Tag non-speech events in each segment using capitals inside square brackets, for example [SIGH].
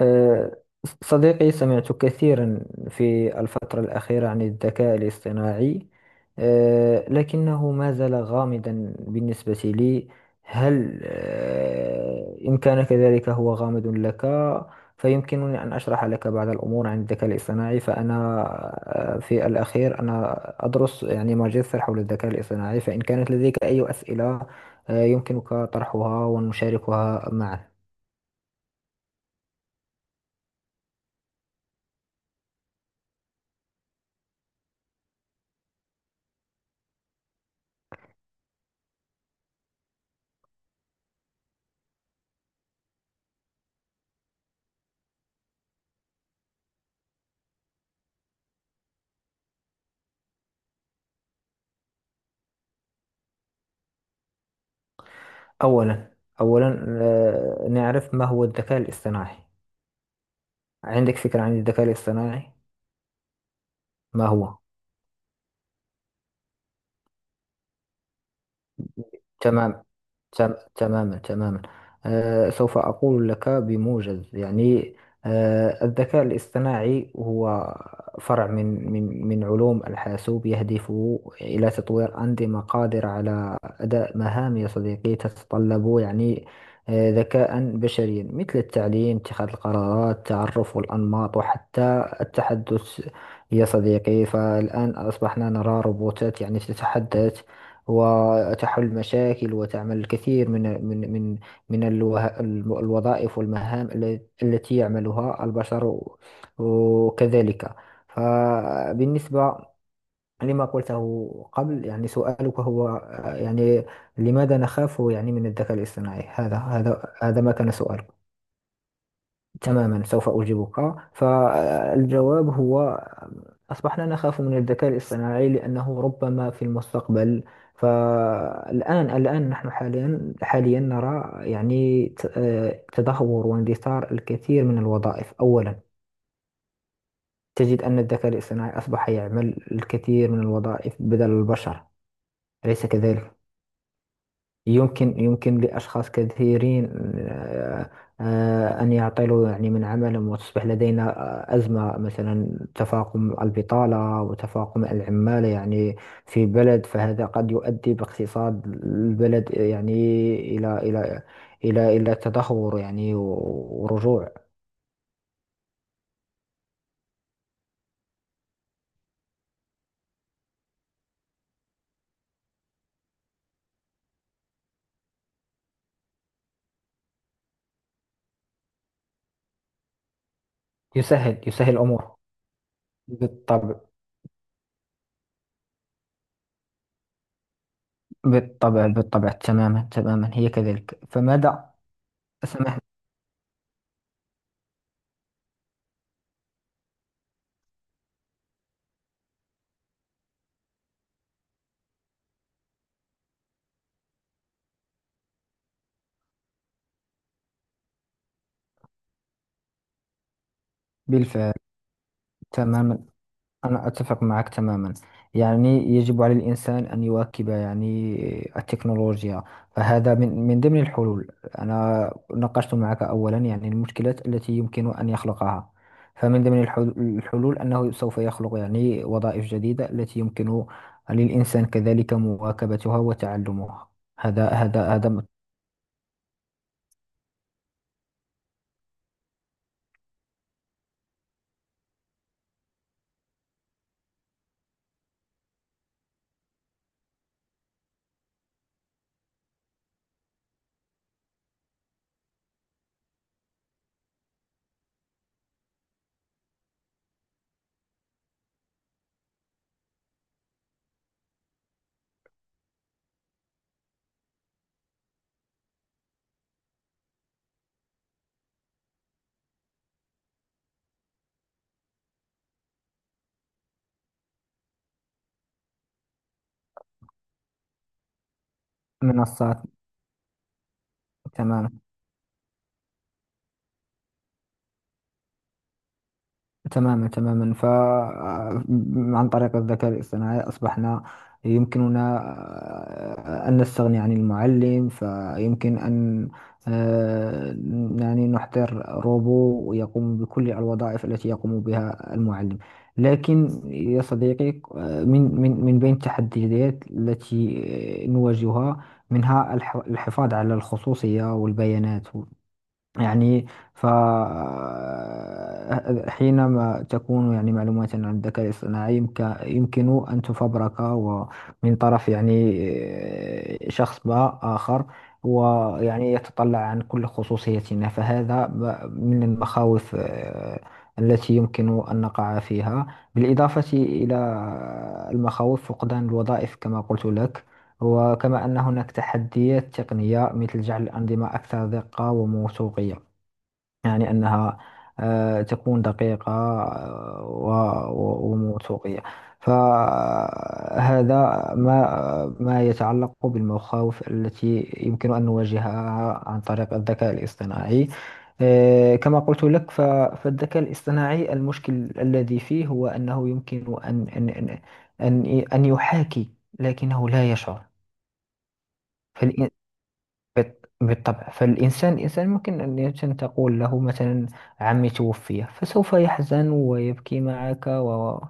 آه، صديقي، سمعت كثيرا في الفترة الأخيرة عن الذكاء الاصطناعي، لكنه ما زال غامضا بالنسبة لي. هل إن كان كذلك هو غامض لك، فيمكنني أن أشرح لك بعض الأمور عن الذكاء الاصطناعي. فأنا في الأخير أنا أدرس يعني ماجستير حول الذكاء الاصطناعي. فإن كانت لديك أي أسئلة يمكنك طرحها ونشاركها معا. أولا أولا، نعرف ما هو الذكاء الاصطناعي. عندك فكرة عن الذكاء الاصطناعي؟ ما هو؟ تمام. تماما تماما. سوف أقول لك بموجز، يعني. الذكاء الاصطناعي هو فرع من علوم الحاسوب يهدف إلى تطوير أنظمة قادرة على أداء مهام، يا صديقي، تتطلب يعني ذكاء بشريا، مثل التعليم، اتخاذ القرارات، تعرف الأنماط، وحتى التحدث. يا صديقي، فالآن أصبحنا نرى روبوتات يعني تتحدث وتحل مشاكل وتعمل الكثير من الوظائف والمهام التي يعملها البشر، وكذلك. فبالنسبة لما قلته قبل، يعني سؤالك هو يعني لماذا نخاف يعني من الذكاء الاصطناعي، هذا ما كان سؤالك. تماما، سوف أجيبك. فالجواب هو أصبحنا نخاف من الذكاء الاصطناعي لأنه ربما في المستقبل. فالآن نحن حاليا نرى يعني تدهور واندثار الكثير من الوظائف. أولا، تجد أن الذكاء الاصطناعي أصبح يعمل الكثير من الوظائف بدل البشر، أليس كذلك؟ يمكن لأشخاص كثيرين، آه، أن يعطلوا يعني من عملهم وتصبح لدينا أزمة، مثلا تفاقم البطالة وتفاقم العمالة يعني في بلد. فهذا قد يؤدي باقتصاد البلد، يعني، إلى إلى إلى تدهور يعني ورجوع. يسهل الأمور. بالطبع، بالطبع، بالطبع، تماما تماما، هي كذلك. فماذا؟ سمح. بالفعل، تماما، أنا أتفق معك تماما. يعني يجب على الإنسان أن يواكب يعني التكنولوجيا. فهذا من ضمن الحلول. أنا ناقشت معك أولا يعني المشكلات التي يمكن أن يخلقها. فمن ضمن الحلول أنه سوف يخلق يعني وظائف جديدة التي يمكن للإنسان كذلك مواكبتها وتعلمها. هذا منصات. تماما تماما تماما. ف آه، عن طريق الذكاء الاصطناعي أصبحنا يمكننا أن نستغني عن المعلم. فيمكن أن آه، يعني نحضر روبو يقوم بكل الوظائف التي يقوم بها المعلم. لكن يا صديقي، من بين التحديات التي نواجهها، منها الحفاظ على الخصوصية والبيانات، يعني. ف حينما تكون يعني معلومات عن الذكاء الاصطناعي، يمكن أن تفبرك ومن طرف يعني شخص ما آخر، ويعني يتطلع عن كل خصوصيتنا. فهذا من المخاوف التي يمكن أن نقع فيها، بالإضافة إلى المخاوف فقدان الوظائف كما قلت لك. وكما أن هناك تحديات تقنية مثل جعل الأنظمة أكثر دقة وموثوقية، يعني أنها تكون دقيقة وموثوقية. فهذا ما يتعلق بالمخاوف التي يمكن أن نواجهها عن طريق الذكاء الاصطناعي. كما قلت لك، فالذكاء الاصطناعي المشكل الذي فيه هو أنه يمكن أن يحاكي لكنه لا يشعر. بالطبع. فالإنسان ممكن أن، يمكن تقول له مثلا عمي توفي فسوف يحزن ويبكي معك. و آه،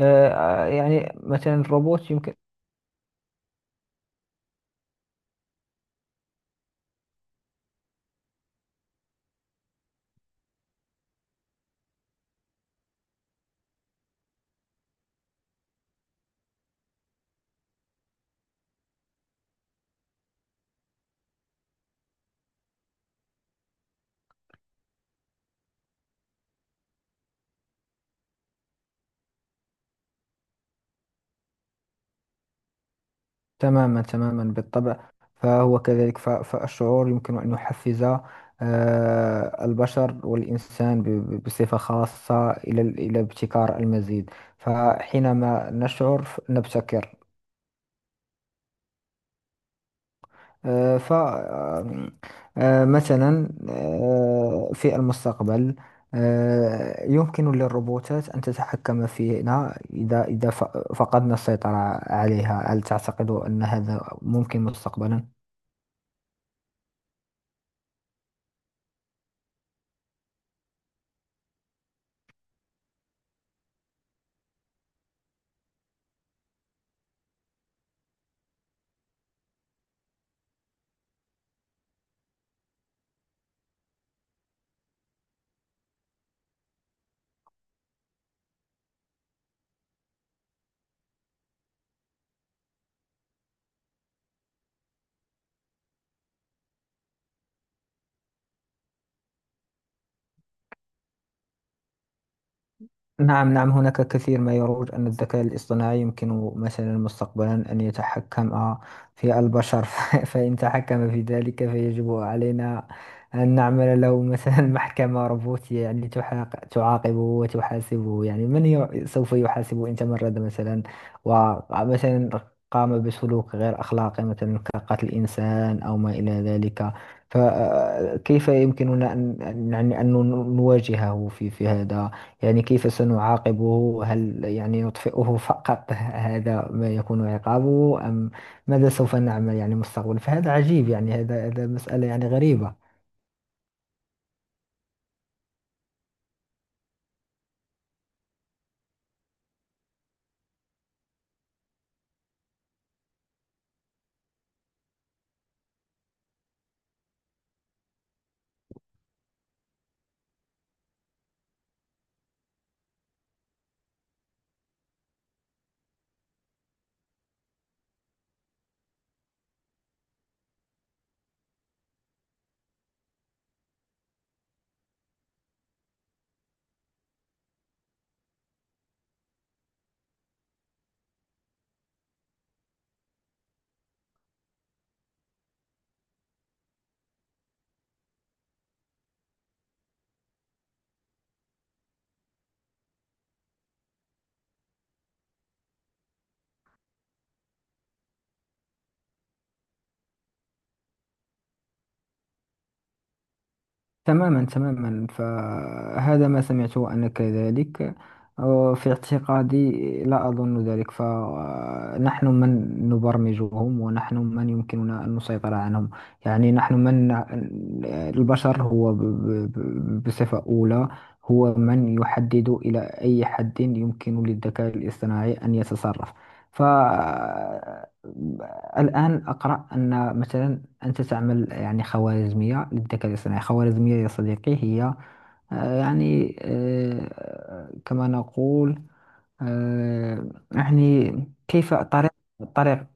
آه، يعني مثلا الروبوت يمكن. تماما تماما، بالطبع. فهو كذلك. فالشعور يمكن أن يحفز البشر والإنسان بصفة خاصة إلى إلى ابتكار المزيد. فحينما نشعر نبتكر. آه، ف آم، آه، مثلا، في المستقبل، يمكن للروبوتات أن تتحكم فينا إذا فقدنا السيطرة عليها. هل تعتقد أن هذا ممكن مستقبلا؟ نعم، نعم. هناك كثير ما يروج أن الذكاء الاصطناعي يمكن مثلا مستقبلا أن يتحكم في البشر. [LAUGHS] فإن تحكم في ذلك فيجب علينا أن نعمل له مثلا [LAUGHS] محكمة روبوتية، يعني تعاقبه وتحاسبه. يعني سوف يحاسبه إن تمرد مثلا، ومثلا قام بسلوك غير أخلاقي، مثلا كقتل إنسان أو ما إلى ذلك. فكيف يمكننا أن يعني أن نواجهه في هذا؟ يعني كيف سنعاقبه؟ هل يعني نطفئه فقط؟ [LAUGHS] هذا ما يكون عقابه، أم ماذا سوف نعمل يعني مستقبلا؟ فهذا عجيب، يعني هذا مسألة يعني غريبة. تماما تماما، فهذا ما سمعته أنا كذلك. في اعتقادي لا أظن ذلك. فنحن من نبرمجهم ونحن من يمكننا أن نسيطر عنهم. يعني نحن من البشر، هو بصفة أولى هو من يحدد إلى أي حد يمكن للذكاء الاصطناعي أن يتصرف. فالآن أقرأ أن مثلا أنت تعمل يعني خوارزمية للذكاء الاصطناعي. خوارزمية، يا صديقي، هي يعني كما نقول يعني كيف طريق،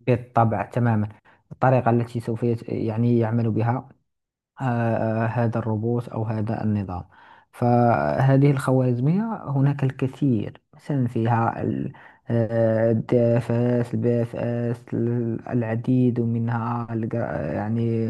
بالطبع، تماما. الطريقة التي سوف يعني يعمل بها هذا الروبوت أو هذا النظام. فهذه الخوارزمية هناك الكثير مثلا فيها الداف اس الباف اس العديد منها، يعني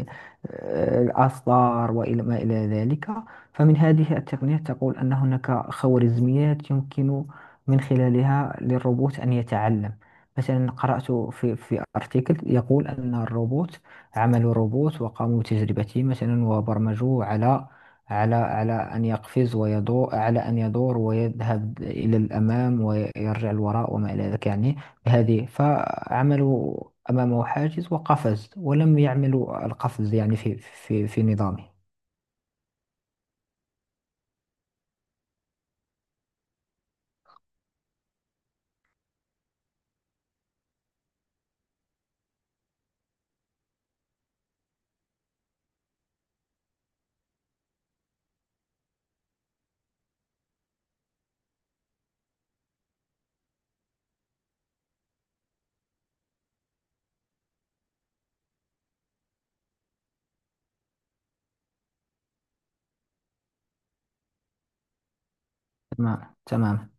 الأصدار وإلى ما إلى ذلك. فمن هذه التقنيات تقول أن هناك خوارزميات يمكن من خلالها للروبوت أن يتعلم. مثلا قرأت في ارتيكل يقول أن الروبوت. عملوا روبوت وقاموا بتجربته مثلا وبرمجوه على أن يقفز ويدور، على أن يدور ويذهب إلى الأمام ويرجع الوراء وما إلى ذلك. يعني بهذه فعملوا أمامه حاجز وقفز ولم يعملوا القفز، يعني في نظامه. تمام تمام.